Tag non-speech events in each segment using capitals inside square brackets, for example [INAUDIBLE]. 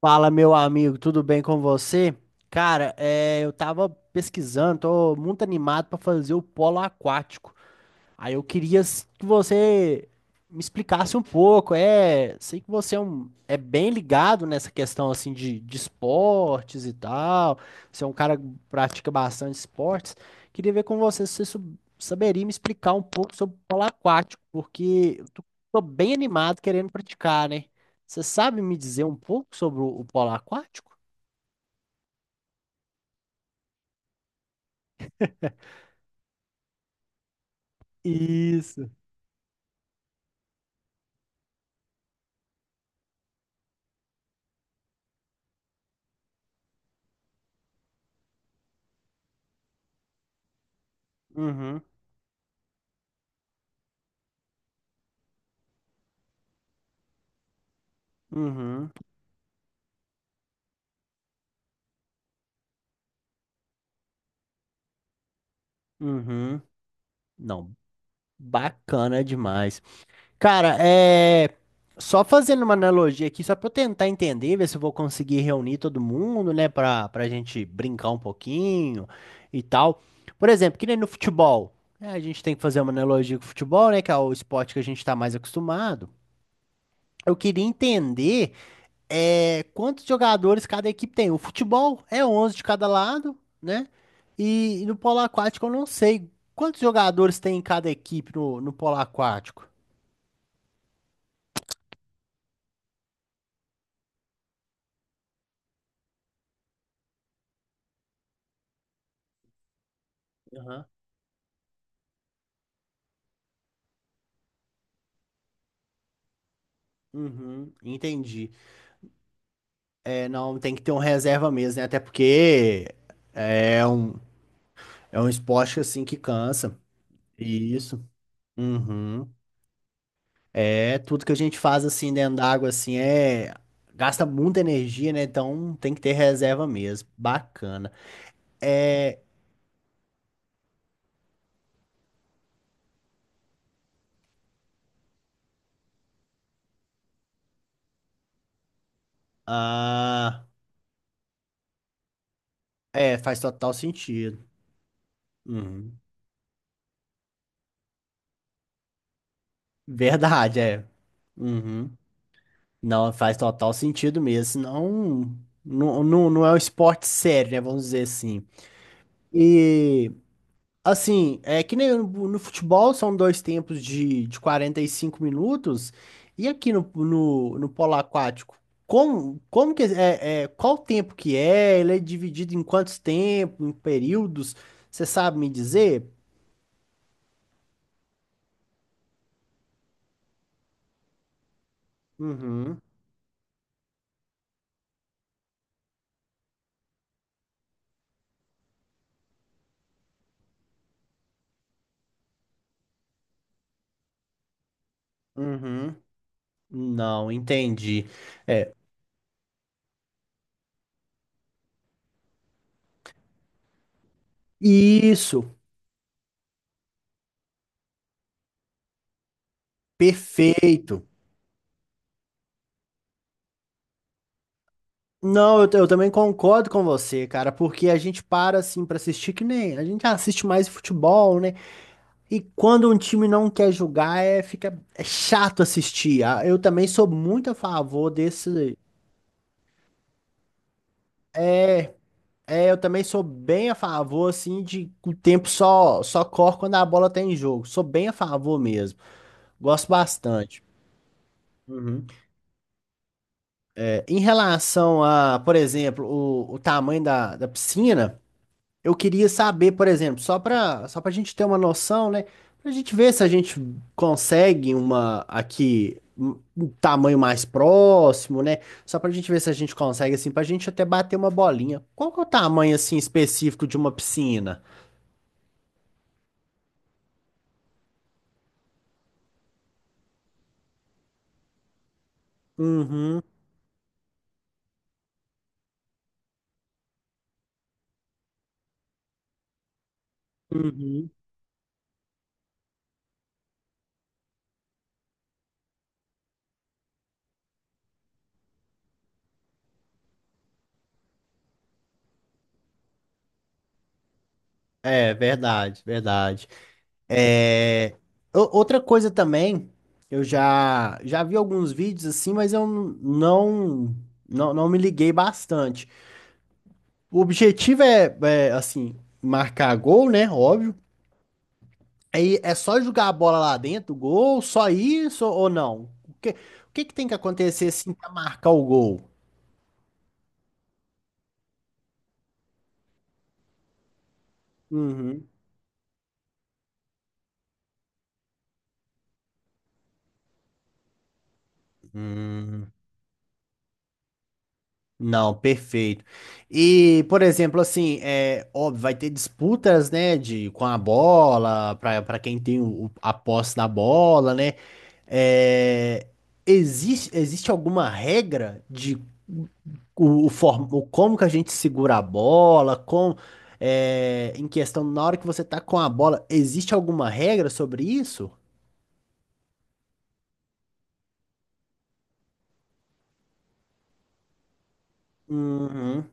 Fala, meu amigo, tudo bem com você? Cara, é, eu tava pesquisando, tô muito animado pra fazer o polo aquático. Aí eu queria que você me explicasse um pouco. É, sei que você é, um, é bem ligado nessa questão assim de esportes e tal. Você é um cara que pratica bastante esportes. Queria ver com você se você saberia me explicar um pouco sobre polo aquático, porque eu tô bem animado querendo praticar, né? Você sabe me dizer um pouco sobre o polo aquático? Isso. Uhum, uhum, uhum. Não, bacana demais. Cara, é. Só fazendo uma analogia aqui, só pra eu tentar entender, ver se eu vou conseguir reunir todo mundo, né, pra gente brincar um pouquinho e tal. Por exemplo, que nem no futebol, né, a gente tem que fazer uma analogia com o futebol, né, que é o esporte que a gente tá mais acostumado. Eu queria entender é, quantos jogadores cada equipe tem. O futebol é 11 de cada lado, né? E no polo aquático eu não sei quantos jogadores tem em cada equipe no, no polo aquático. Uhum, entendi. É, não, tem que ter um reserva mesmo, né? Até porque é um, é um esporte assim que cansa. Isso. Uhum. É, tudo que a gente faz assim dentro d'água assim é gasta muita energia, né? Então tem que ter reserva mesmo. Bacana. É, ah, é, faz total sentido. Uhum. Verdade, é. Uhum. Não, faz total sentido mesmo. Senão, não é um esporte sério, né? Vamos dizer assim. E assim, é que nem no, no futebol são dois tempos de 45 minutos, e aqui no, no, no polo aquático, como que é, é, qual o tempo que é? Ele é dividido em quantos tempos, em períodos? Você sabe me dizer? Uhum, uhum. Não, entendi. É, isso, perfeito. Não, eu também concordo com você, cara, porque a gente para assim pra assistir que nem a gente assiste mais futebol, né? E quando um time não quer jogar, é, fica é chato assistir. Ah, eu também sou muito a favor desse. É, é, eu também sou bem a favor, assim, de que o tempo só corre quando a bola tá em jogo. Sou bem a favor mesmo. Gosto bastante. Uhum. É, em relação a, por exemplo, o tamanho da piscina. Eu queria saber, por exemplo, só para a gente ter uma noção, né? Para a gente ver se a gente consegue uma aqui um tamanho mais próximo, né? Só para a gente ver se a gente consegue assim, para a gente até bater uma bolinha. Qual que é o tamanho assim específico de uma piscina? Uhum, uhum. É verdade, verdade. É... Outra coisa também, eu já vi alguns vídeos assim, mas eu não, não me liguei bastante. O objetivo é, é, assim, marcar gol, né? Óbvio. Aí é só jogar a bola lá dentro, gol, só isso ou não? O que que tem que acontecer assim para marcar o gol? Uhum. Hum, não, perfeito. E, por exemplo, assim, é óbvio, vai ter disputas, né, de com a bola, para quem tem o, a posse da bola, né? É, existe alguma regra de o como que a gente segura a bola, com é, em questão na hora que você tá com a bola, existe alguma regra sobre isso? Uhum.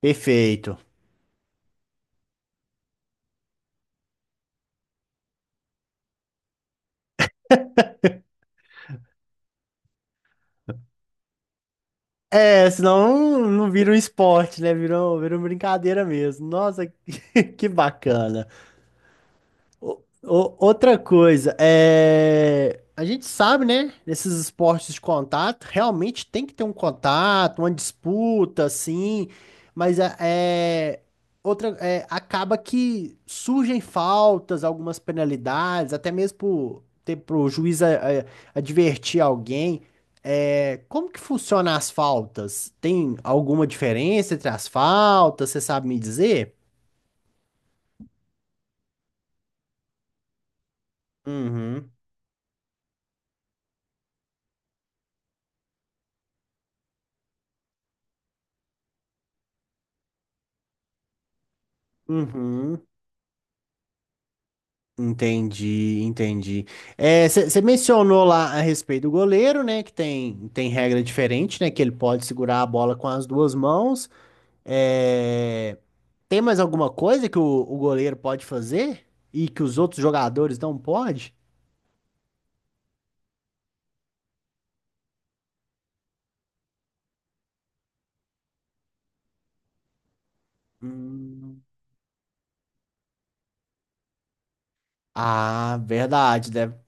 Perfeito. É, senão não vira um esporte, né? Virou brincadeira mesmo. Nossa, [LAUGHS] que bacana. Outra coisa, é... a gente sabe, né? Nesses esportes de contato, realmente tem que ter um contato, uma disputa, assim, mas é... Outra, é, acaba que surgem faltas, algumas penalidades, até mesmo por ter para o juiz é, é, advertir alguém. É, como que funciona as faltas? Tem alguma diferença entre as faltas? Você sabe me dizer? Uhum, uhum. Entendi, entendi. Você mencionou lá a respeito do goleiro, né? Que tem regra diferente, né? Que ele pode segurar a bola com as duas mãos. É, tem mais alguma coisa que o goleiro pode fazer e que os outros jogadores não podem? Hum, Ah, verdade, deve.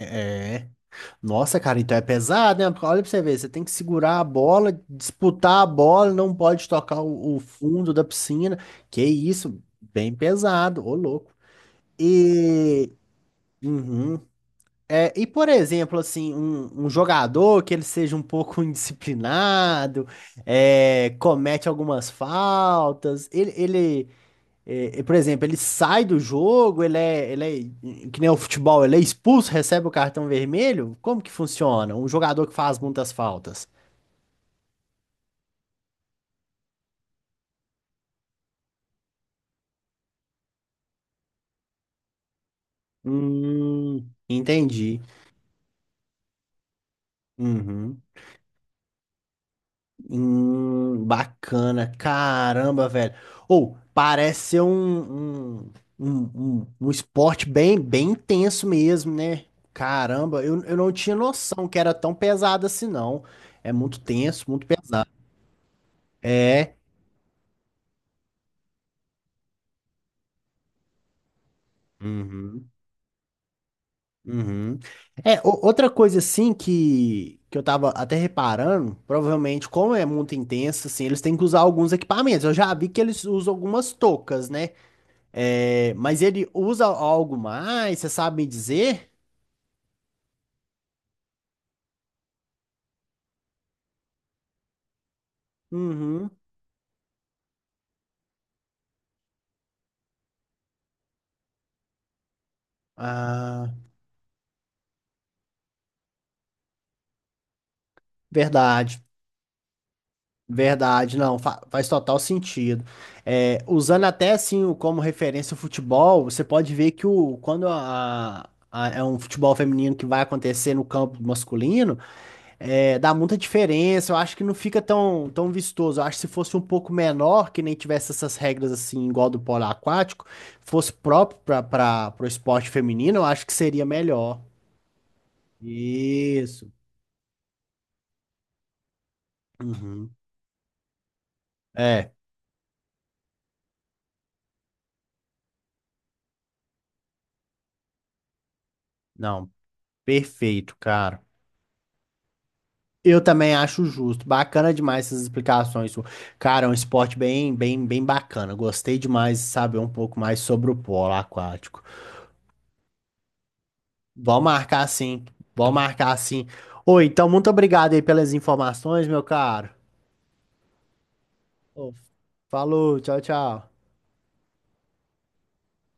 É. Nossa, cara, então é pesado, né? Porque olha pra você ver, você tem que segurar a bola, disputar a bola, não pode tocar o fundo da piscina. Que isso, bem pesado, ô louco. E, uhum. É, e por exemplo, assim, um jogador que ele seja um pouco [LAUGHS] indisciplinado, é, comete algumas faltas, ele é, é, por exemplo, ele sai do jogo, ele é, que nem o futebol, ele é expulso, recebe o cartão vermelho? Como que funciona? Um jogador que faz muitas faltas. Entendi. Uhum. Bacana. Caramba, velho. Ou, parece ser um esporte bem, intenso mesmo, né? Caramba, eu não tinha noção que era tão pesado assim, não. É muito tenso, muito pesado. É. Uhum. Uhum. É, outra coisa assim que eu tava até reparando, provavelmente, como é muito intenso, assim, eles têm que usar alguns equipamentos. Eu já vi que eles usam algumas toucas, né? É, mas ele usa algo mais, você sabe me dizer? Uhum. Ah, verdade, verdade, não, faz total sentido. É, usando até assim como referência o futebol, você pode ver que o, quando é um futebol feminino que vai acontecer no campo masculino. É, dá muita diferença, eu acho que não fica tão, tão vistoso. Eu acho que se fosse um pouco menor, que nem tivesse essas regras assim, igual do polo aquático, fosse próprio para o esporte feminino, eu acho que seria melhor. Isso. Uhum. É, não, perfeito, cara. Eu também acho justo. Bacana demais essas explicações sua. Cara, é um esporte bem, bem, bem bacana. Gostei demais de saber um pouco mais sobre o polo aquático. Vamos marcar assim. Vamos marcar assim. Oi, então muito obrigado aí pelas informações, meu caro. Ô, falou, tchau, tchau.